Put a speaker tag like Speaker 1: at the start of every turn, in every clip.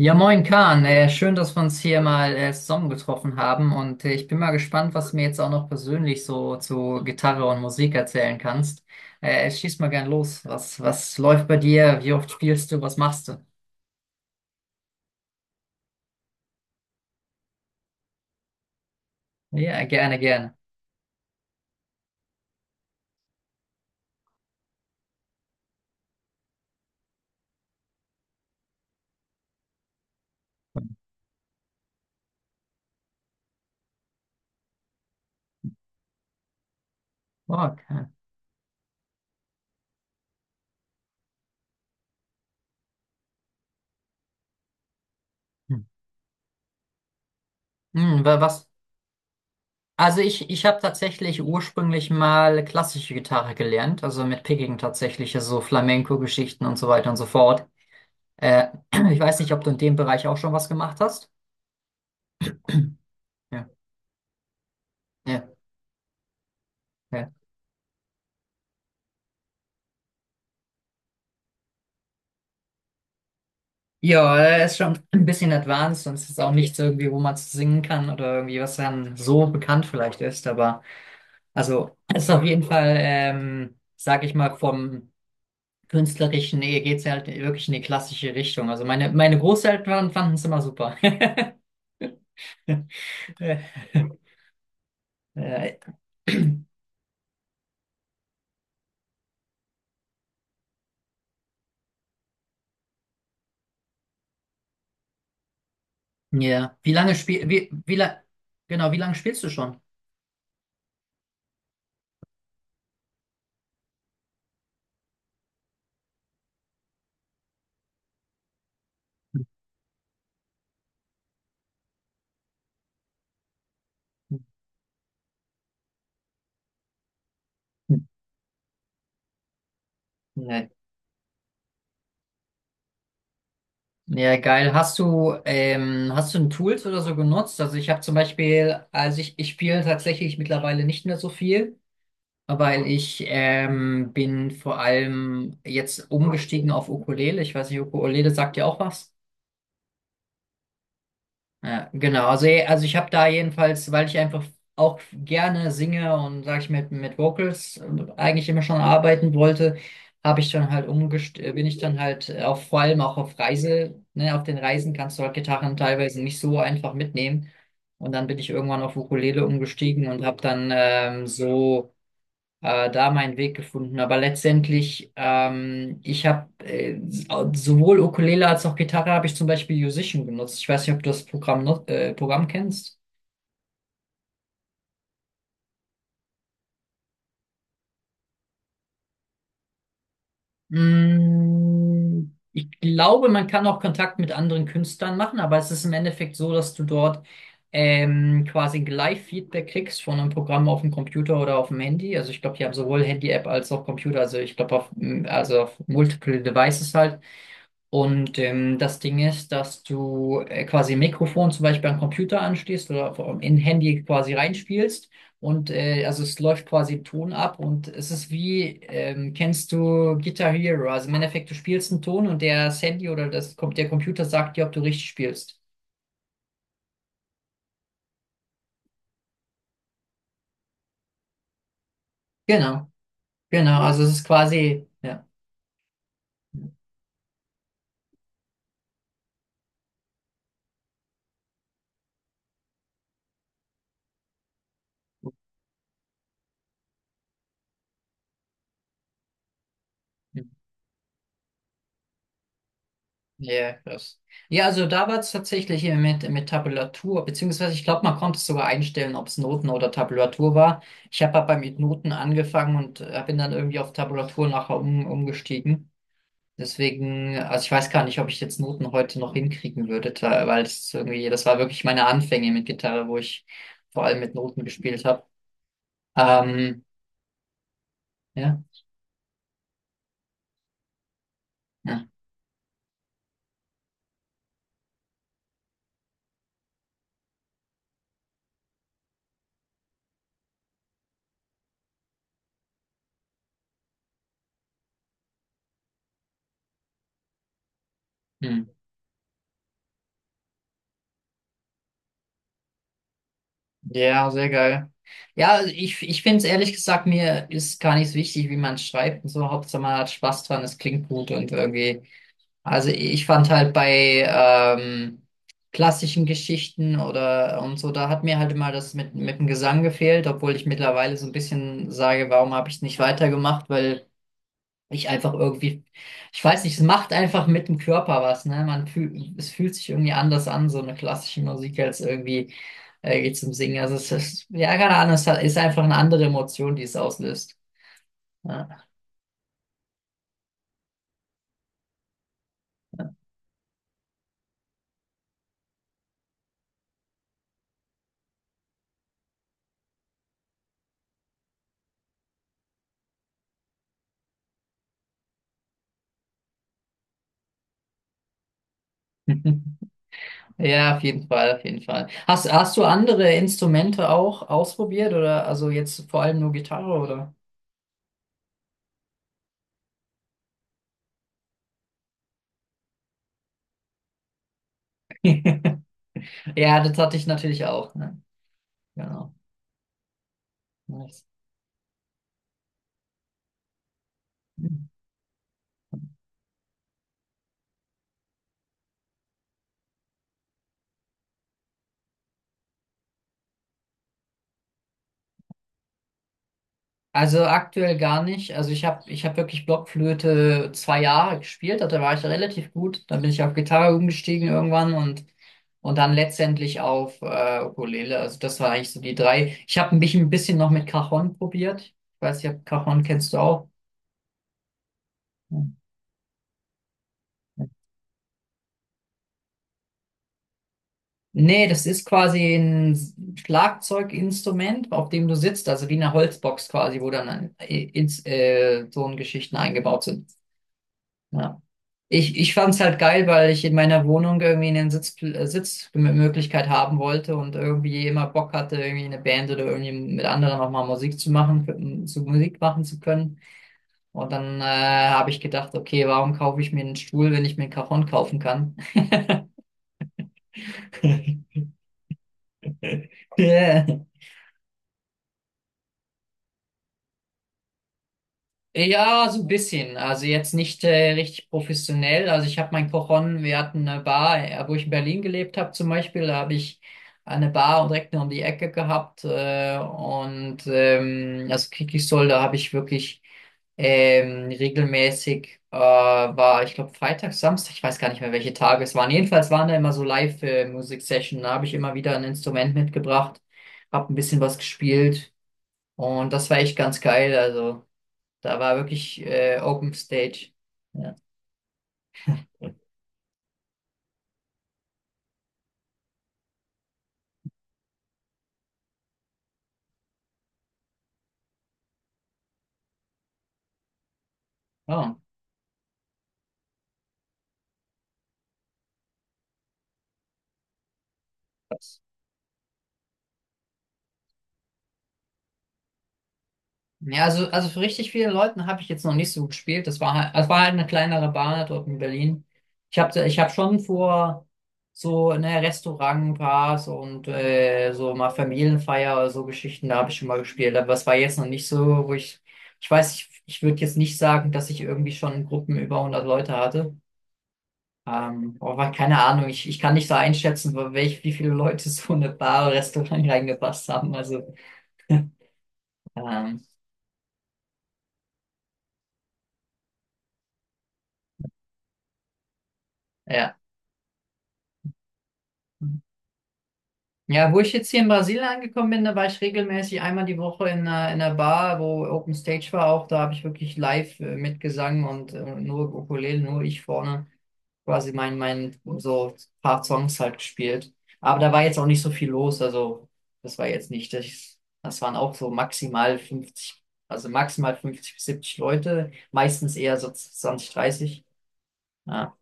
Speaker 1: Ja, moin Kahn. Schön, dass wir uns hier mal zusammengetroffen haben und ich bin mal gespannt, was du mir jetzt auch noch persönlich so zu Gitarre und Musik erzählen kannst. Schieß mal gern los. Was läuft bei dir? Wie oft spielst du? Was machst du? Ja, gerne, gerne. Okay. Hm, hm, was? Also ich habe tatsächlich ursprünglich mal klassische Gitarre gelernt, also mit Picking tatsächlich, also so Flamenco-Geschichten und so weiter und so fort. Äh, ich weiß nicht, ob du in dem Bereich auch schon was gemacht hast. Ja, ja. Ja. Ja, er ist schon ein bisschen advanced und es ist auch nichts irgendwie, wo man es singen kann oder irgendwie, was dann so bekannt vielleicht ist. Aber also es ist auf jeden Fall, sag ich mal, vom Künstlerischen her geht's halt wirklich in die klassische Richtung. Also meine Großeltern fanden es immer super. Äh, Ja. Wie lange spiel, wie, wie lang, genau, wie lange spielst du schon? Ja, ja, geil. Hast du ein Tools oder so genutzt? Also ich habe zum Beispiel, also ich spiele tatsächlich mittlerweile nicht mehr so viel, weil ich bin vor allem jetzt umgestiegen auf Ukulele. Ich weiß nicht, Ukulele sagt dir auch was? Ja, genau. Also, also ich habe da jedenfalls, weil ich einfach auch gerne singe und sage ich mit Vocals eigentlich immer schon arbeiten wollte, habe ich dann halt umgest bin ich dann halt auf vor allem auch auf Reise, ne, auf den Reisen kannst du halt Gitarren teilweise nicht so einfach mitnehmen. Und dann bin ich irgendwann auf Ukulele umgestiegen und habe dann so da meinen Weg gefunden. Aber letztendlich, ich habe sowohl Ukulele als auch Gitarre habe ich zum Beispiel Musician genutzt. Ich weiß nicht, ob du das Programm, not, Programm kennst. Mm, ich glaube, man kann auch Kontakt mit anderen Künstlern machen, aber es ist im Endeffekt so, dass du dort quasi ein Live-Feedback kriegst von einem Programm auf dem Computer oder auf dem Handy. Also ich glaube, die haben sowohl Handy-App als auch Computer, also ich glaube auf, also auf Multiple Devices halt. Und das Ding ist, dass du quasi ein Mikrofon zum Beispiel am Computer anschließt oder in Handy quasi reinspielst. Und also es läuft quasi im Ton ab und es ist wie, kennst du Guitar Hero? Also im Endeffekt, du spielst einen Ton und der das Handy oder der Computer sagt dir, ob du richtig spielst. Genau, genau. Also es ist quasi, ja. Ja, krass. Ja, also da war es tatsächlich hier mit Tabulatur, beziehungsweise ich glaube, man konnte es sogar einstellen, ob es Noten oder Tabulatur war. Ich habe aber mit Noten angefangen und bin dann irgendwie auf Tabulatur nachher umgestiegen. Deswegen, also ich weiß gar nicht, ob ich jetzt Noten heute noch hinkriegen würde, weil es irgendwie, das war wirklich meine Anfänge mit Gitarre, wo ich vor allem mit Noten gespielt habe. Ähm, ja, ja. Hm. Ja, sehr geil. Ja, also ich finde es ehrlich gesagt, mir ist gar nicht so wichtig, wie man schreibt und so. Hauptsache man hat Spaß dran, es klingt gut und irgendwie. Also ich fand halt bei klassischen Geschichten oder und so, da hat mir halt immer das mit dem Gesang gefehlt, obwohl ich mittlerweile so ein bisschen sage, warum habe ich es nicht weitergemacht, weil ich einfach irgendwie, ich weiß nicht, es macht einfach mit dem Körper was, ne? Man fühlt, es fühlt sich irgendwie anders an, so eine klassische Musik als irgendwie geht zum Singen. Also es ist, ja, keine Ahnung, ist einfach eine andere Emotion, die es auslöst. Ja. Ja, auf jeden Fall, auf jeden Fall. Hast du andere Instrumente auch ausprobiert oder also jetzt vor allem nur Gitarre oder? Ja, das hatte ich natürlich auch, ne? Genau. Nice. Also aktuell gar nicht. Also ich hab wirklich Blockflöte 2 Jahre gespielt, also da war ich relativ gut. Dann bin ich auf Gitarre umgestiegen irgendwann und dann letztendlich auf Ukulele. Also das war eigentlich so die drei. Ich habe mich ein bisschen noch mit Cajon probiert. Ich weiß nicht, ob Cajon kennst du auch. Nee, das ist quasi ein Schlagzeuginstrument, auf dem du sitzt, also wie eine Holzbox quasi, wo dann so ein Geschichten eingebaut sind. Ja. Ich fand es halt geil, weil ich in meiner Wohnung irgendwie eine Sitzmöglichkeit haben wollte und irgendwie immer Bock hatte, irgendwie eine Band oder irgendwie mit anderen auch mal zu Musik machen zu können. Und dann habe ich gedacht, okay, warum kaufe ich mir einen Stuhl, wenn ich mir einen Cajon kaufen kann? Ja, so ein bisschen. Also jetzt nicht richtig professionell. Also ich habe mein Kochon, wir hatten eine Bar, wo ich in Berlin gelebt habe zum Beispiel, da habe ich eine Bar direkt nur um die Ecke gehabt. Also Kikisol, da habe ich wirklich regelmäßig, war ich glaube Freitag, Samstag, ich weiß gar nicht mehr, welche Tage es waren. Jedenfalls waren da immer so Live-Musik-Session. Da habe ich immer wieder ein Instrument mitgebracht, habe ein bisschen was gespielt und das war echt ganz geil. Also. Da war wirklich Open Stage. Ja. Oh, krass. Ja, also für richtig viele Leuten habe ich jetzt noch nicht so gespielt. Das war halt eine kleinere Bar dort in Berlin. Ich hab schon vor so ne, Restaurantbars und so mal Familienfeier oder so Geschichten, da habe ich schon mal gespielt. Aber es war jetzt noch nicht so, wo ich weiß, ich würde jetzt nicht sagen, dass ich irgendwie schon Gruppen über 100 Leute hatte. Aber keine Ahnung, ich kann nicht so einschätzen, wie viele Leute so eine Bar oder Restaurant reingepasst haben. Also, ähm, ja. Ja, wo ich jetzt hier in Brasilien angekommen bin, da war ich regelmäßig einmal die Woche in einer Bar, wo Open Stage war auch. Da habe ich wirklich live mitgesungen und nur Ukulele, nur ich vorne quasi mein, mein so paar Songs halt gespielt. Aber da war jetzt auch nicht so viel los. Also das war jetzt nicht, das, das waren auch so maximal 50, also maximal 50 bis 70 Leute, meistens eher so 20, 30. Ja.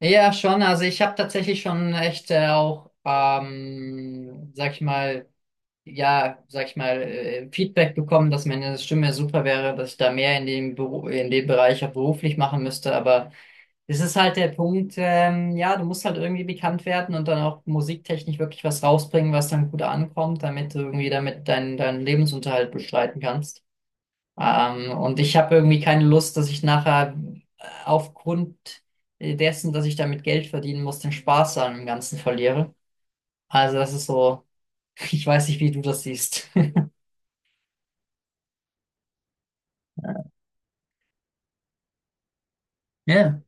Speaker 1: Ja, schon. Also ich habe tatsächlich schon echt sag ich mal, ja, sag ich mal, Feedback bekommen, dass meine Stimme super wäre, dass ich da mehr in dem Beru in dem Bereich auch beruflich machen müsste. Aber es ist halt der Punkt, ja, du musst halt irgendwie bekannt werden und dann auch musiktechnisch wirklich was rausbringen, was dann gut ankommt, damit du irgendwie damit deinen Lebensunterhalt bestreiten kannst. Und ich habe irgendwie keine Lust, dass ich nachher aufgrund dessen, dass ich damit Geld verdienen muss, den Spaß an dem Ganzen verliere. Also das ist so, ich weiß nicht, wie du das siehst. Ja,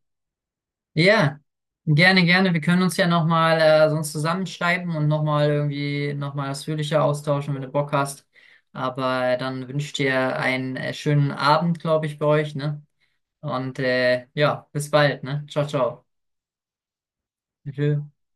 Speaker 1: ja, gerne, gerne. Wir können uns ja nochmal sonst zusammenschreiben und nochmal irgendwie nochmal ausführlicher austauschen, wenn du Bock hast. Aber dann wünsche ich dir einen schönen Abend, glaube ich, bei euch, ne? Und ja, bis bald, ne? Ciao, ciao. Tschö.